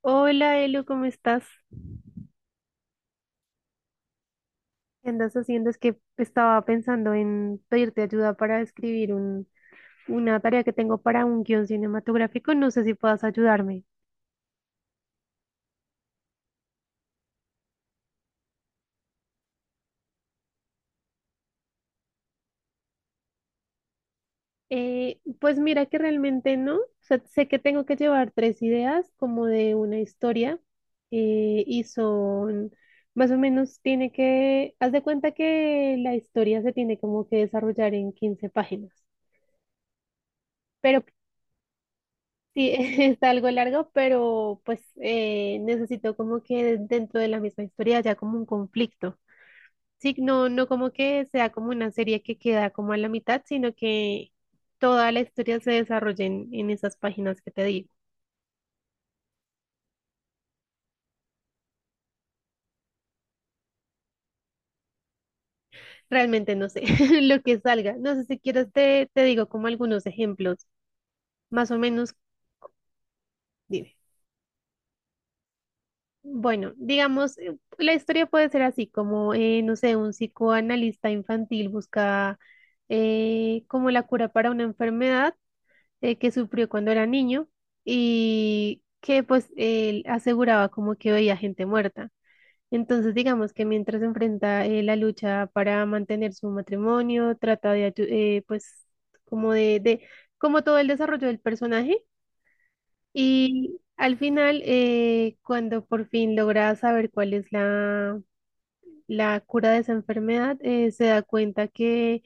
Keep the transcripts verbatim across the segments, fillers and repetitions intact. Hola Elu, ¿cómo estás? ¿Qué andas haciendo? Es que estaba pensando en pedirte ayuda para escribir un, una tarea que tengo para un guión cinematográfico. No sé si puedas ayudarme. Eh, pues mira que realmente no. O sea, sé que tengo que llevar tres ideas como de una historia, eh, y son más o menos tiene que, haz de cuenta que la historia se tiene como que desarrollar en quince páginas. Pero sí, es algo largo, pero pues eh, necesito como que dentro de la misma historia haya como un conflicto. Sí, no, no como que sea como una serie que queda como a la mitad, sino que toda la historia se desarrolle en, en esas páginas que te digo. Realmente no sé lo que salga. No sé si quieres te, te digo como algunos ejemplos, más o menos, dime. Bueno, digamos, eh, la historia puede ser así, como, eh, no sé, un psicoanalista infantil busca, eh, como la cura para una enfermedad, eh, que sufrió cuando era niño y que pues él aseguraba como que veía gente muerta. Entonces, digamos que mientras enfrenta eh, la lucha para mantener su matrimonio, trata de, ayu- eh, pues, como de, de, como todo el desarrollo del personaje. Y al final, eh, cuando por fin logra saber cuál es la, la cura de esa enfermedad, eh, se da cuenta que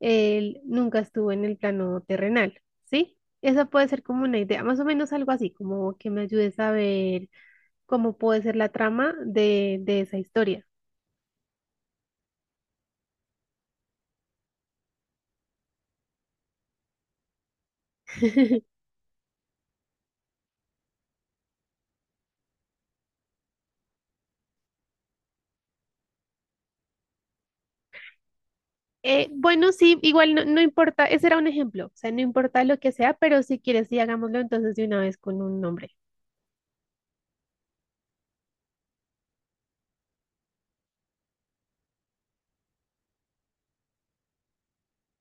él nunca estuvo en el plano terrenal, ¿sí? Esa puede ser como una idea, más o menos algo así, como que me ayudes a ver cómo puede ser la trama de, de esa historia. Eh, bueno, sí, igual no, no importa, ese era un ejemplo, o sea, no importa lo que sea, pero si quieres, sí, hagámoslo entonces de una vez con un nombre.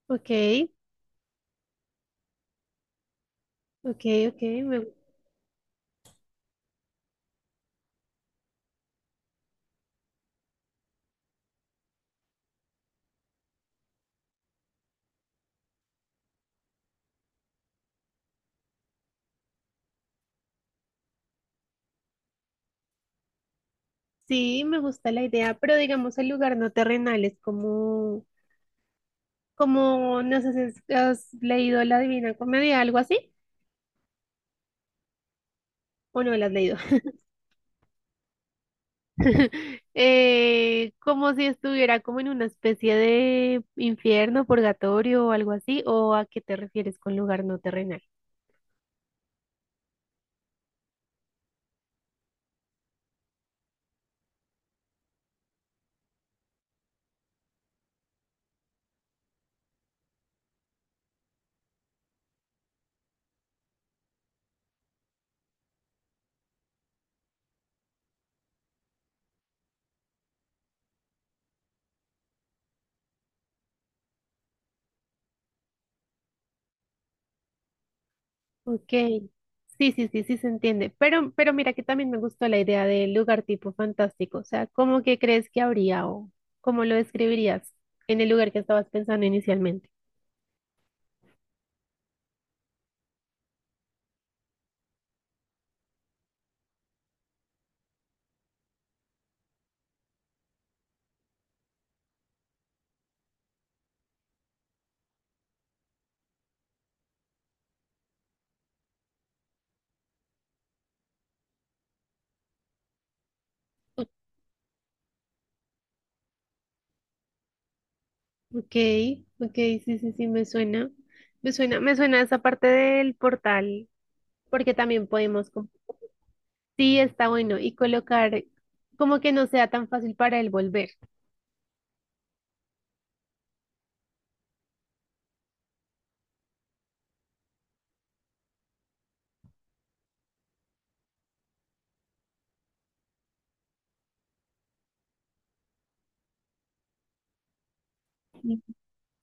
Ok, ok, ok, me sí, me gusta la idea, pero digamos el lugar no terrenal es como, como, no sé si has leído La Divina Comedia, algo así, o no la has leído. Eh, como si estuviera como en una especie de infierno, purgatorio o algo así, o a qué te refieres con lugar no terrenal. Ok, sí, sí, sí, sí se entiende. Pero, pero mira que también me gustó la idea del lugar tipo fantástico. O sea, ¿cómo que crees que habría o cómo lo describirías en el lugar que estabas pensando inicialmente? Ok, ok, sí, sí, sí, me suena. Me suena, me suena esa parte del portal, porque también podemos, com- sí, está bueno, y colocar como que no sea tan fácil para él volver. Ujú.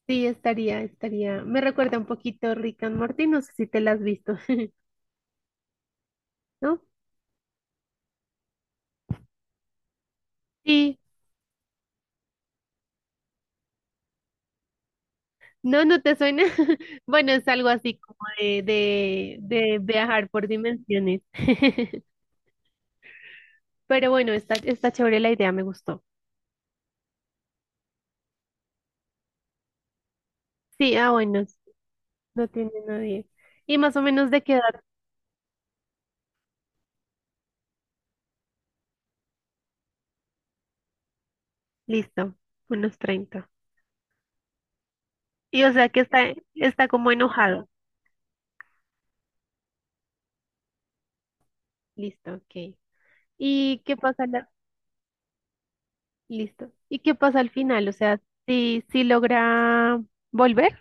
Sí, estaría, estaría. Me recuerda un poquito Rick and Morty, no sé si te la has visto, ¿no? Sí, no, no te suena. Bueno, es algo así como de, de, de viajar por dimensiones. Pero bueno, está, está chévere la idea, me gustó. Sí, ah, bueno, s- no tiene nadie. Y más o menos de qué edad, listo, unos treinta. Y o sea que está, está como enojado. Listo, ok. ¿Y qué pasa la- listo? ¿Y qué pasa al final? O sea, si, si logra volver.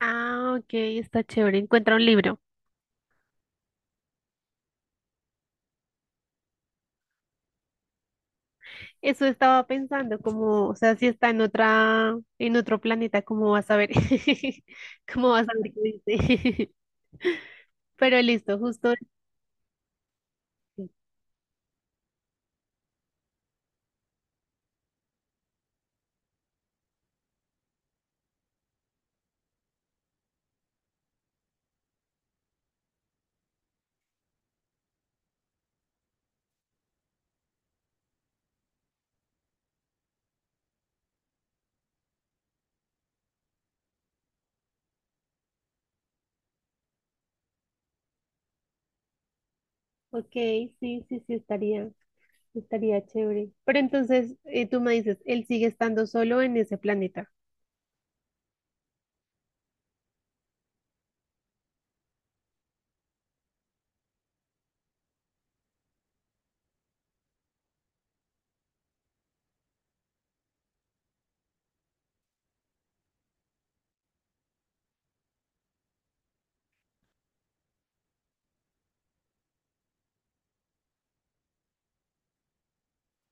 Ah, ok, está chévere. Encuentra un libro. Eso estaba pensando, como, o sea, si está en otra, en otro planeta, ¿cómo vas a ver? ¿Cómo vas a ver qué dice? Pero listo, justo. Este. Ok, sí, sí, sí, estaría, estaría chévere. Pero entonces, eh, tú me dices, él sigue estando solo en ese planeta.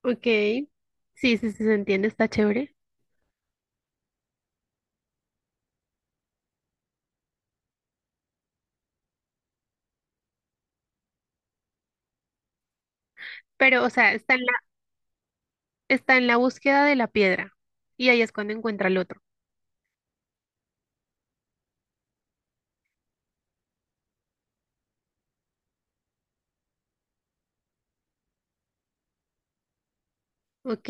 Ok, sí, sí, sí, se entiende, está chévere. Pero, o sea, está en la, está en la búsqueda de la piedra. Y ahí es cuando encuentra al otro. Ok,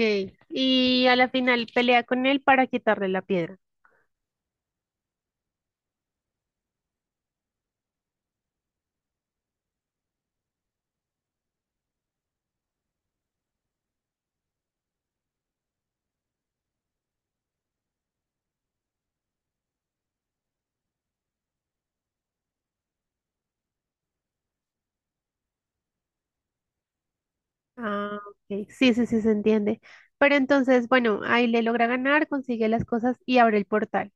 y a la final pelea con él para quitarle la piedra. Ah, ok. Sí, sí, sí, se entiende. Pero entonces, bueno, ahí le logra ganar, consigue las cosas y abre el portal.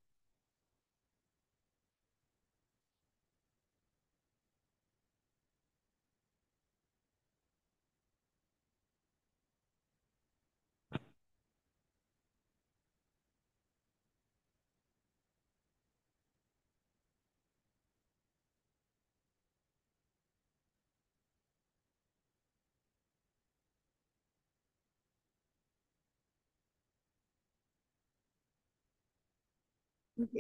Ok.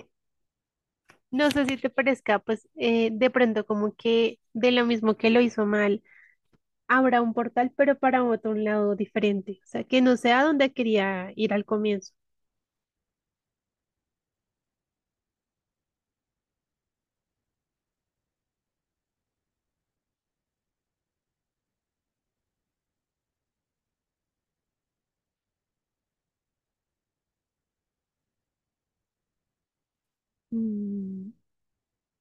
No sé si te parezca, pues eh, de pronto como que de lo mismo que lo hizo mal, abra un portal, pero para otro lado diferente. O sea, que no sea donde quería ir al comienzo. Mm,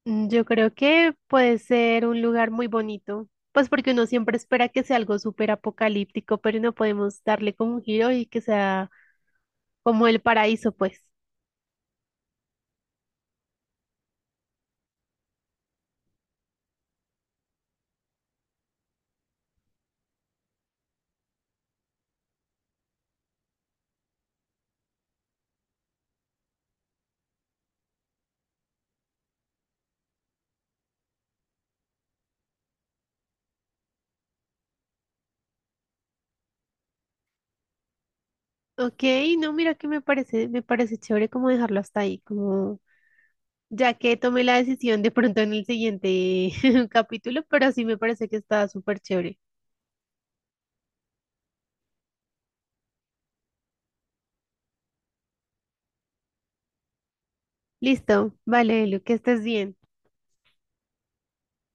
yo creo que puede ser un lugar muy bonito, pues porque uno siempre espera que sea algo súper apocalíptico, pero no podemos darle como un giro y que sea como el paraíso, pues. Ok, no, mira que me parece, me parece chévere como dejarlo hasta ahí, como ya que tomé la decisión de pronto en el siguiente capítulo, pero sí me parece que está súper chévere. Listo, vale, Lu, que estés bien.